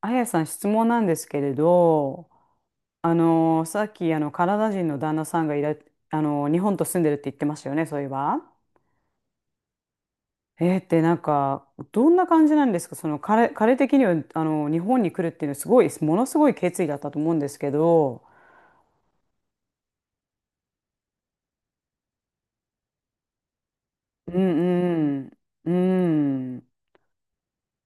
あやさん、質問なんですけれど、あのさっきあのカナダ人の旦那さんがいら、あの日本と住んでるって言ってましたよね、そういえば。えーってなんかどんな感じなんですか、その彼的にはあの日本に来るっていうのはすごいものすごい決意だったと思うんですけど、うんうんうん、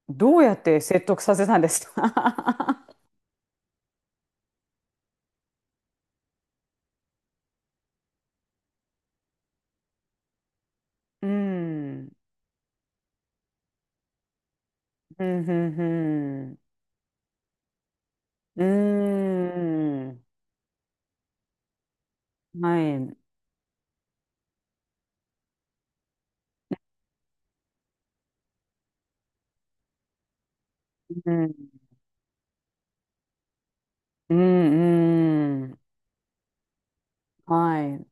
どうやって説得させたんですか。うん、うん、うん、うん、うん、はい、うん、うん、うん。はい。う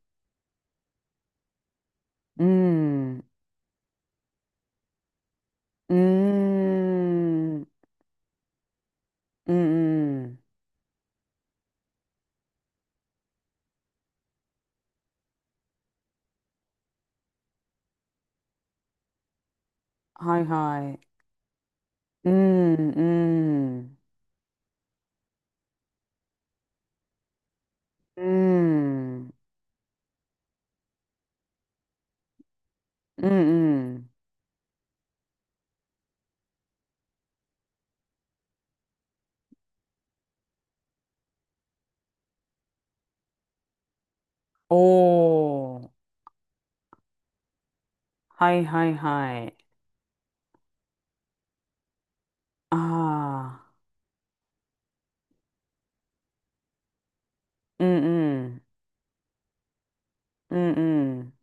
ん。うーん。うんうん。はいはい。うん。うん。うん。うんうん。おお、はいはいはい。ああ。うんうん。うんうん。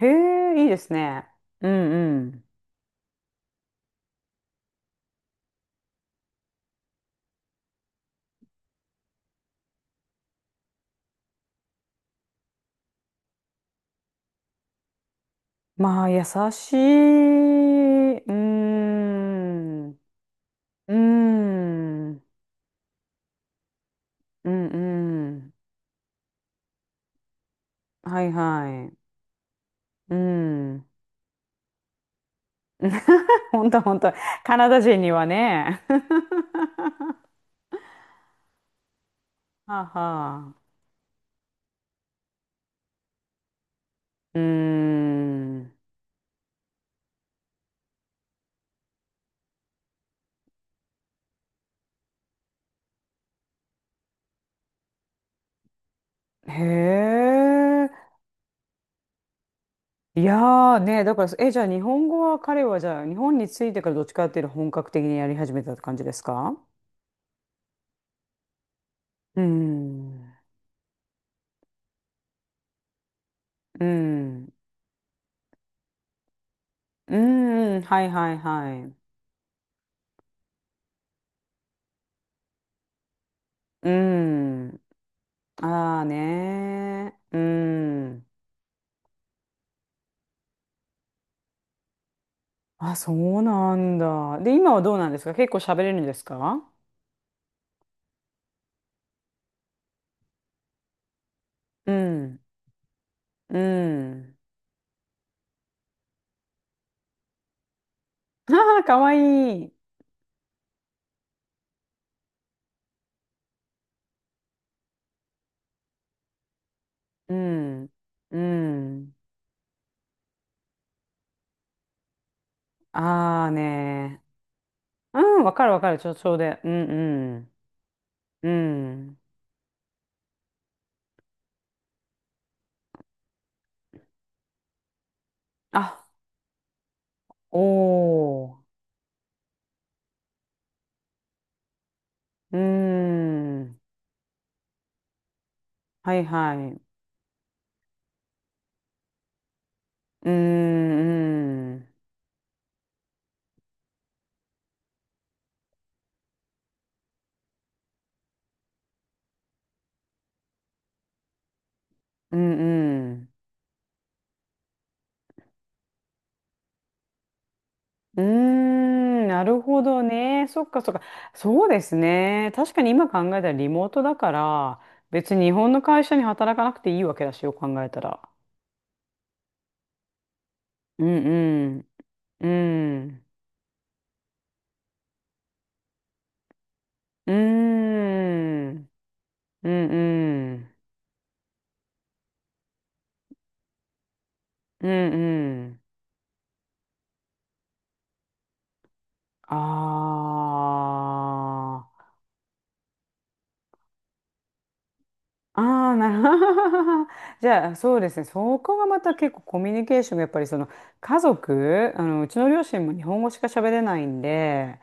へえ、いいですね。うんうん。まあ、優しい。うーん。うーん。うんうん。はいはい。うん。本当、本当。カナダ人にはね。はあはあ。うーん。へえ。いやーね、だから、え、じゃあ日本語は彼はじゃあ日本に着いてからどっちかっていうと本格的にやり始めたって感じですか？うーん。うん。うん。はいはいはい。うん。ああねー。うん。あ、そうなんだ。で、今はどうなんですか？結構喋れるんですか？うん。うん。ああ、かわいい。うん。うん。ああね。うん、わかるわかる。ちょうで。うんうん。うん。あ、おー。うん。はいはい。うんうん。うんうん。うーん、なるほどね。そっかそっか。そうですね。確かに今考えたらリモートだから、別に日本の会社に働かなくていいわけだし、よく考えたら。うんうん。うん。うーん。うんうん。うんうん。ああ。ああ、なるほど。じゃあ、そうですね。そこがまた結構コミュニケーションがやっぱりその家族、あの、うちの両親も日本語しか喋れないんで、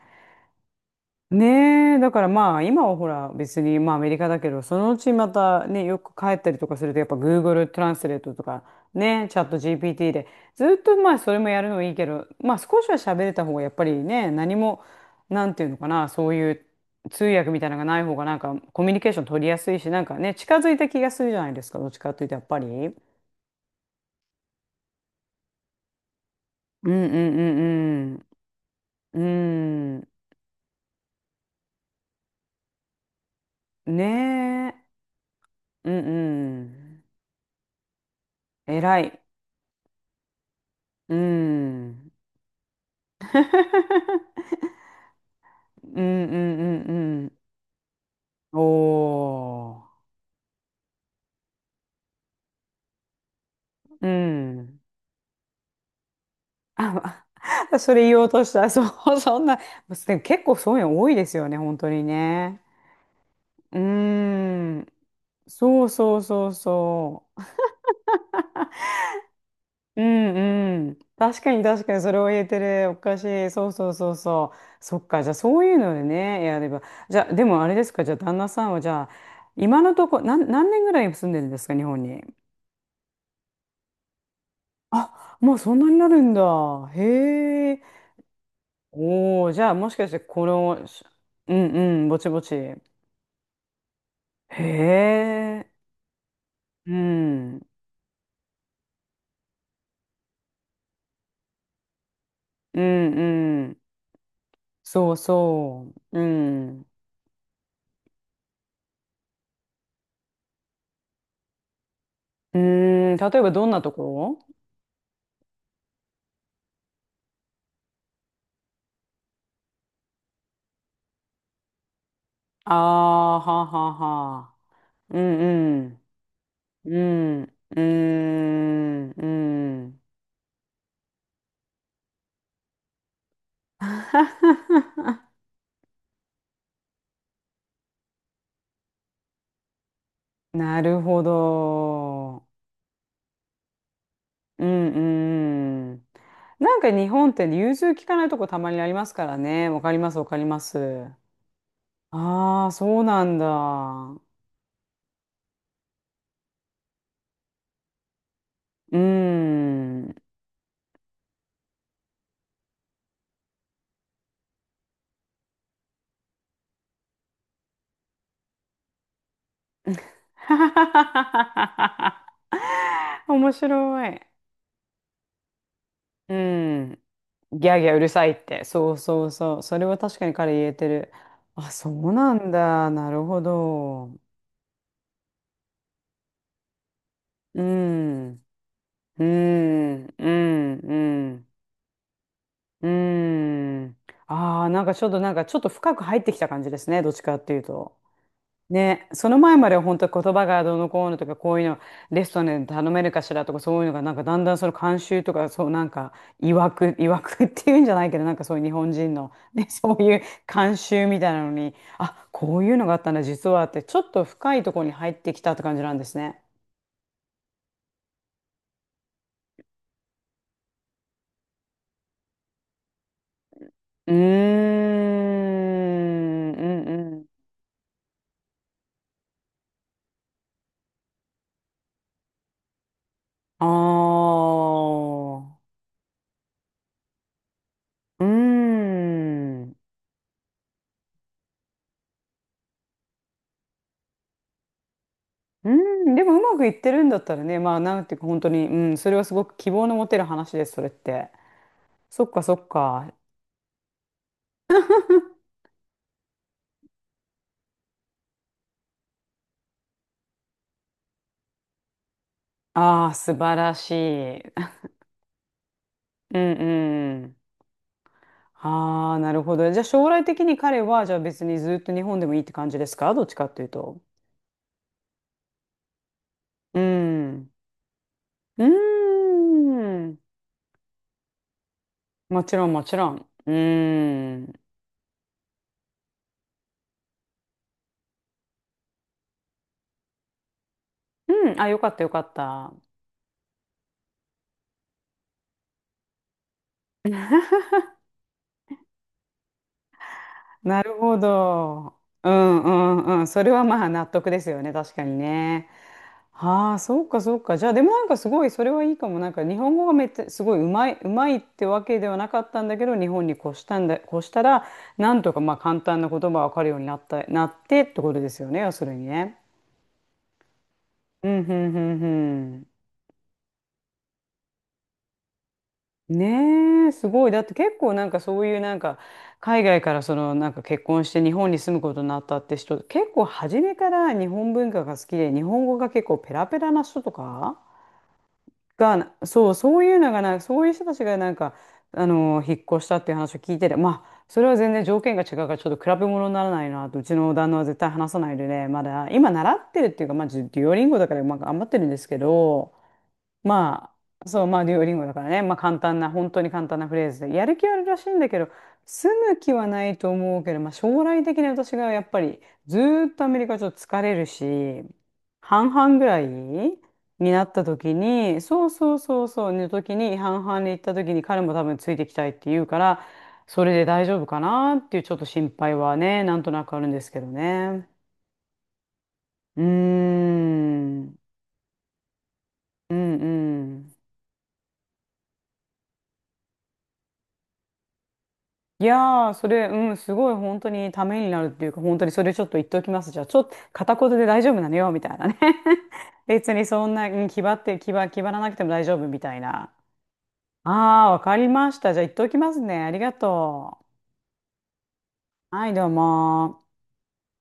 ねえ、だからまあ今はほら別にまあアメリカだけど、そのうちまたね、よく帰ったりとかするとやっぱ Google トランスレートとかね、チャット GPT でずっとまあそれもやるのいいけど、まあ少しは喋れた方がやっぱりね、何も、なんていうのかな、そういう通訳みたいなのがない方がなんかコミュニケーション取りやすいし、なんかね、近づいた気がするじゃないですか、どっちかというとやっぱり。うんうんうんうん。うん。ねえ。うんうん。偉い。うん。うんうんうんうん。おー。うん。あ、あ、それ言おうとした。そう、そんな。でも結構そういうの多いですよね、本当にね。うーん。そうそうそうそう。うんうん。確かに確かに、それを言えてる。おかしい。そうそうそうそう。そっか。じゃあそういうのでね、やれば。じゃあ、でもあれですか。じゃあ旦那さんはじゃあ、今のとこ、何年ぐらい住んでるんですか、日本に。あ、もうそんなになるんだ。へえ。おお、じゃあもしかしてこの、し、うんうん、ぼちぼち。へえ。うん。うんうん。そうそう。うん。うーん、例えばどんなところ？ああー、はあはあはあ。うんうん。うん。うーん。うん。なるほど。うんうんうん。なんか日本って融通きかないとこたまにありますからね。わかります、わかります。ああ、そうなんだ。うーん。面白い。うん。ギャーギャーうるさいって。そうそうそう。それは確かに彼言えてる。あ、そうなんだ。なるほど。うん。うん。うん。うん。うーん。ああ、なんかちょっと、なんかちょっと深く入ってきた感じですね。どっちかっていうと。ね、その前までは本当言葉がどうのこうのとか、こういうの、レストランで頼めるかしらとか、そういうのが、なんかだんだんその慣習とか、そうなんか、いわく、いわくっていうんじゃないけど、なんかそういう日本人の、ね、そういう慣習みたいなのに、あ、こういうのがあったんだ、実はって、ちょっと深いところに入ってきたって感じなんですね。うーん、うんうん。ああ。うーん。うーん。でもうまくいってるんだったらね、まあなんていうか本当に、うん、それはすごく希望の持てる話です、それって。そっかそっか。ああ、素晴らしい。うんうん。ああ、なるほど。じゃあ将来的に彼は、じゃあ別にずっと日本でもいいって感じですか、どっちかっていうと？うん。うーん。もちろんもちろん。うーん。うん。あ、よかったよかった。なるほど。うんうんうん。それはまあ納得ですよね。確かにね。はあ、そうかそうか。じゃあでもなんかすごいそれはいいかも。なんか日本語がめっちゃすごいうまいってわけではなかったんだけど、日本に越したんだ、越したら、なんとかまあ簡単な言葉わかるようになった、なってってことですよね。要するにね。うんうんうんうん。ねえ、すごい。だって結構なんかそういうなんか海外からそのなんか結婚して日本に住むことになったって人、結構初めから日本文化が好きで日本語が結構ペラペラな人とかが、そう、そういうのがなんかそういう人たちがなんかあの引っ越したっていう話を聞いてて、まあそれは全然条件が違うからちょっと比べ物にならないなと、うちの旦那は絶対話さないでね、まだ今習ってるっていうか、まあデュオリンゴだからまあ頑張ってるんですけど、まあ、そう、まあ、デュオリンゴだからね。まあ、簡単な、本当に簡単なフレーズで。やる気はあるらしいんだけど、住む気はないと思うけど、まあ、将来的に私がやっぱり、ずーっとアメリカちょっと疲れるし、半々ぐらいになった時に、そうそうそうそう、の時に、半々に行った時に、彼も多分ついてきたいって言うから、それで大丈夫かなっていうちょっと心配はね、なんとなくあるんですけどね。うーん、うんうん。いやー、それ、うん、すごい本当にためになるっていうか、本当にそれちょっと言っておきます。じゃあ、ちょっと片言で大丈夫なのよ、みたいなね。別にそんな、うん、気張らなくても大丈夫みたいな。ああ、わかりました。じゃあ、言っておきますね。ありがとう。はい、どうも。